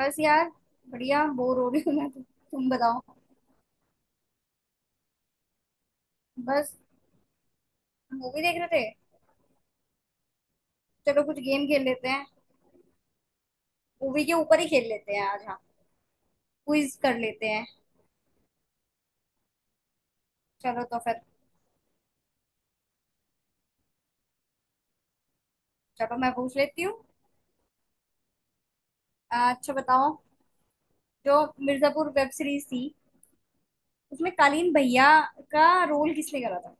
बस यार। बढ़िया बोर हो रही हूँ मैं तो। तुम बताओ। बस। मूवी देख रहे थे। चलो, कुछ गेम खेल लेते हैं। मूवी के ऊपर ही खेल लेते हैं आज। हाँ। क्विज कर लेते हैं। चलो तो फिर। चलो, मैं पूछ लेती हूँ। अच्छा बताओ। जो मिर्जापुर वेब सीरीज थी, उसमें कालीन भैया का रोल किसने करा था?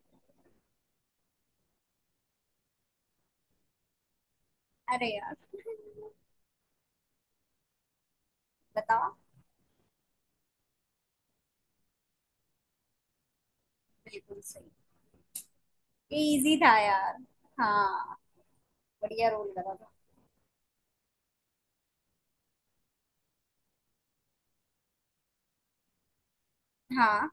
अरे यार, बताओ। बिल्कुल सही। ये इजी था यार। हाँ। बढ़िया रोल करा था। हाँ।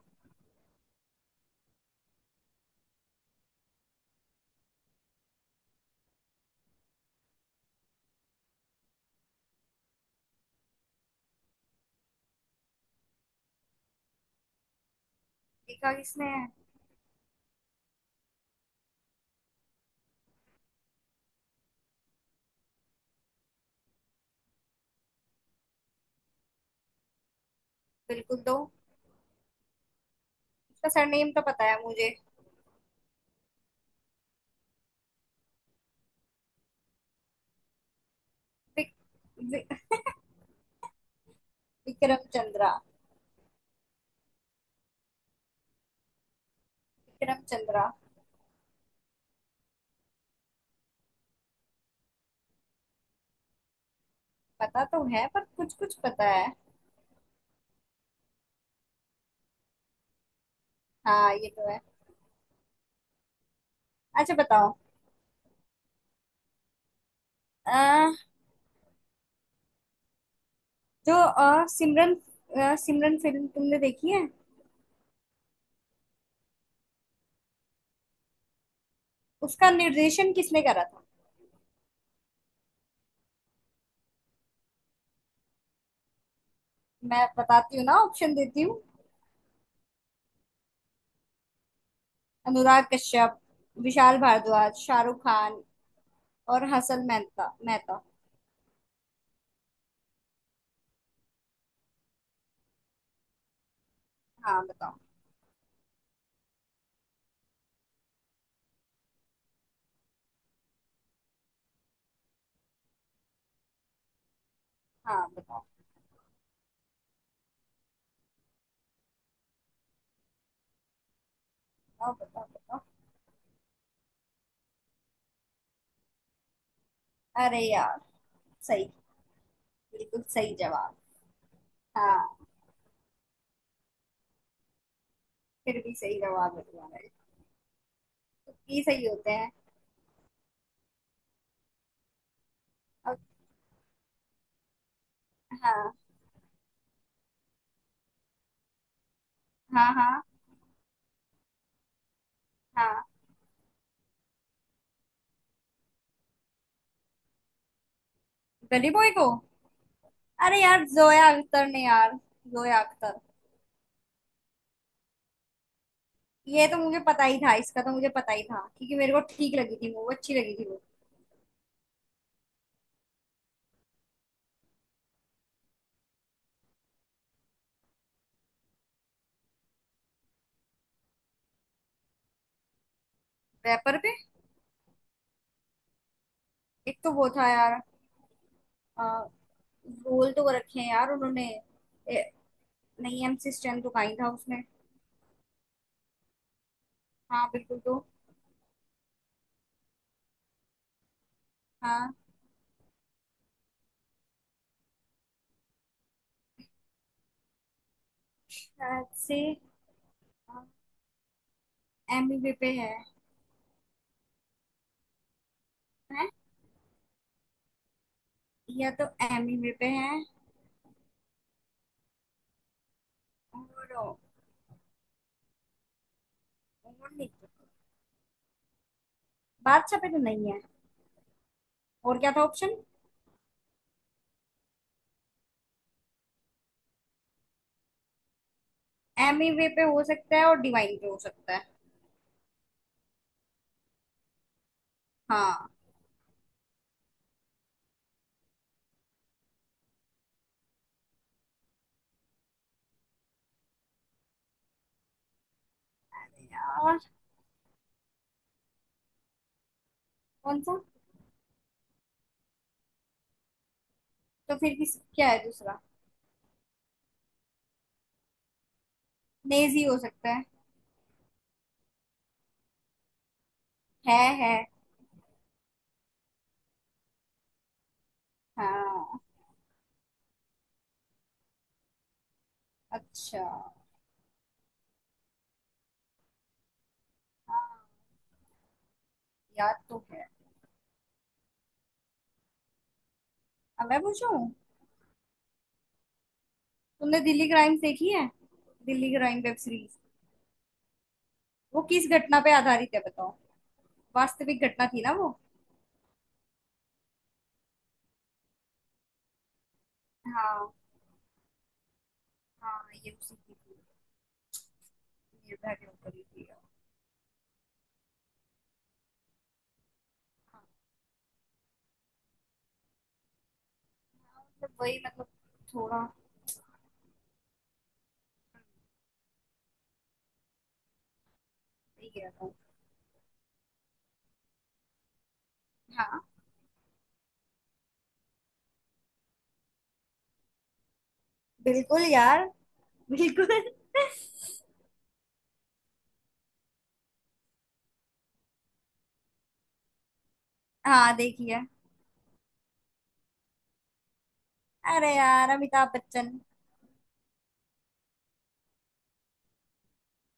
देखा किसने है? बिल्कुल, दो। उसका सरनेम तो पता है मुझे। विक- विक्रम चंद्रा। विक्रम चंद्रा। पता तो है, पर कुछ कुछ पता है। हाँ, ये तो है। अच्छा बताओ। अ, जो सिमरन फिल्म तुमने देखी है? उसका निर्देशन किसने करा था? मैं बताती हूँ ना, ऑप्शन देती हूँ। अनुराग कश्यप, विशाल भारद्वाज, शाहरुख खान और हसन मेहता मेहता हाँ, बताओ। हाँ, बताओ बताओ बताओ। बताओ। अरे यार। सही। बिल्कुल सही जवाब। हाँ। फिर भी सही जवाब है तुम्हारा। ये सही होते हैं। हाँ, हाँ। हाँ, हाँ। गली बॉय को। अरे यार, जोया अख्तर ने यार। जोया अख्तर। ये तो मुझे पता ही था, इसका तो मुझे पता ही था क्योंकि मेरे को ठीक लगी थी वो, अच्छी लगी थी वो। रैपर पे। एक तो वो था यार। रोल तो वो रखे हैं यार उन्होंने। ए, नहीं, एमसी स्टैन तो कहीं था उसमें। हाँ, बिल्कुल तो। हाँ, शायद से। एमी वे पे है। हैं। या तो एमी वे पे है और और नहीं। बादशाह पे तो नहीं है। और क्या था ऑप्शन? एमी वे पे हो सकता है और डिवाइन पे हो सकता है। हाँ। और। कौन सा? तो फिर किस, क्या है दूसरा? लेजी हो सकता है। है है। हाँ। अच्छा। हाँ, याद तो है। अब मैं पूछूं? तुमने दिल्ली क्राइम देखी है? Delhi crime web series. वो किस घटना पे आधारित है, बताओ। वास्तविक घटना थी ना वो। हाँ। हाँ, ये उसी की थी। निर्भया के ऊपर ही थी, हाँ। हाँ, मतलब वही मतलब। थोड़ा। सही गया था। हाँ। बिल्कुल यार। बिल्कुल। हाँ, देखिए। अरे यार, अमिताभ बच्चन।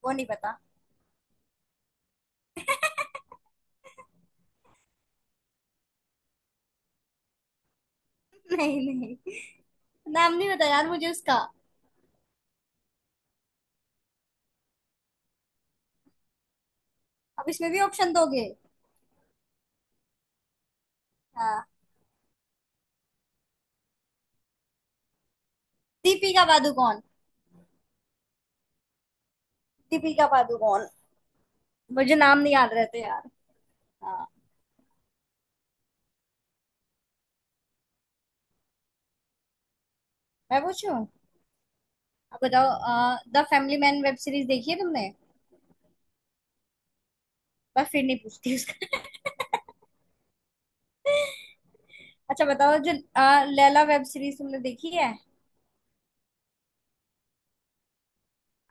वो नहीं पता। नहीं, नहीं। नाम नहीं पता यार मुझे उसका। अब इसमें भी ऑप्शन दोगे? हाँ। दीपिका पादुकोण। दीपिका पादुकोण। मुझे नाम नहीं याद रहते यार। हाँ। मैं पूछूं? अब बताओ, the family man web series देखी है तुमने? पर फिर नहीं पूछती उसका। अच्छा बताओ, जो लैला वेब सीरीज तुमने देखी है?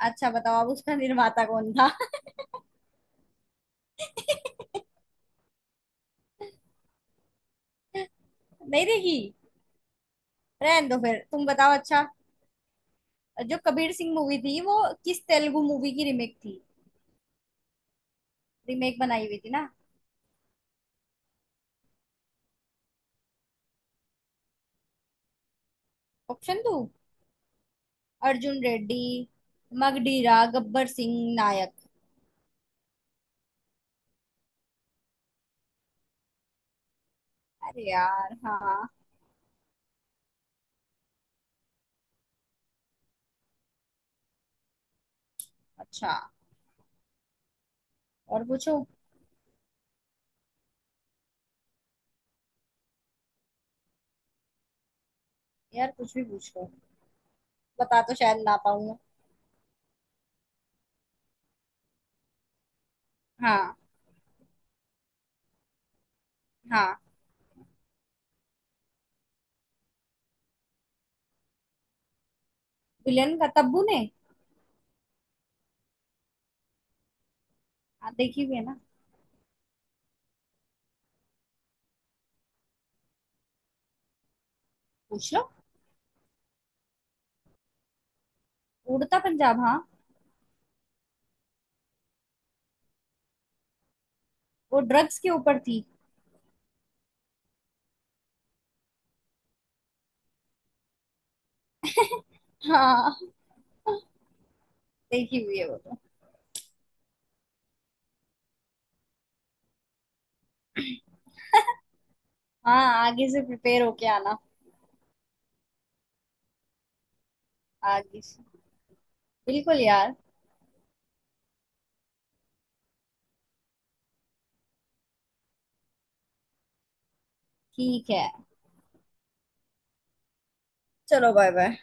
अच्छा बताओ अब, उसका निर्माता कौन था? नहीं देखी। रहने दो, फिर तुम बताओ। अच्छा, जो कबीर सिंह मूवी थी, वो किस तेलुगु मूवी की रीमेक थी? रीमेक बनाई हुई थी ना? ऑप्शन दो। अर्जुन रेड्डी, मगडीरा, गब्बर सिंह, नायक। अरे यार, हाँ। अच्छा। और पूछो। यार कुछ भी पूछ लो। बता तो शायद ना पाऊं। हाँ। हाँ। विलन का, तब्बू ने। हाँ, देखी हुई है ना। पूछ लो। उड़ता पंजाब, हाँ। वो ड्रग्स के ऊपर थी। हाँ। देखी हुई है वो तो। हाँ, आगे से प्रिपेयर होके आना। आगे से। बिल्कुल यार। ठीक है, चलो। Bye bye.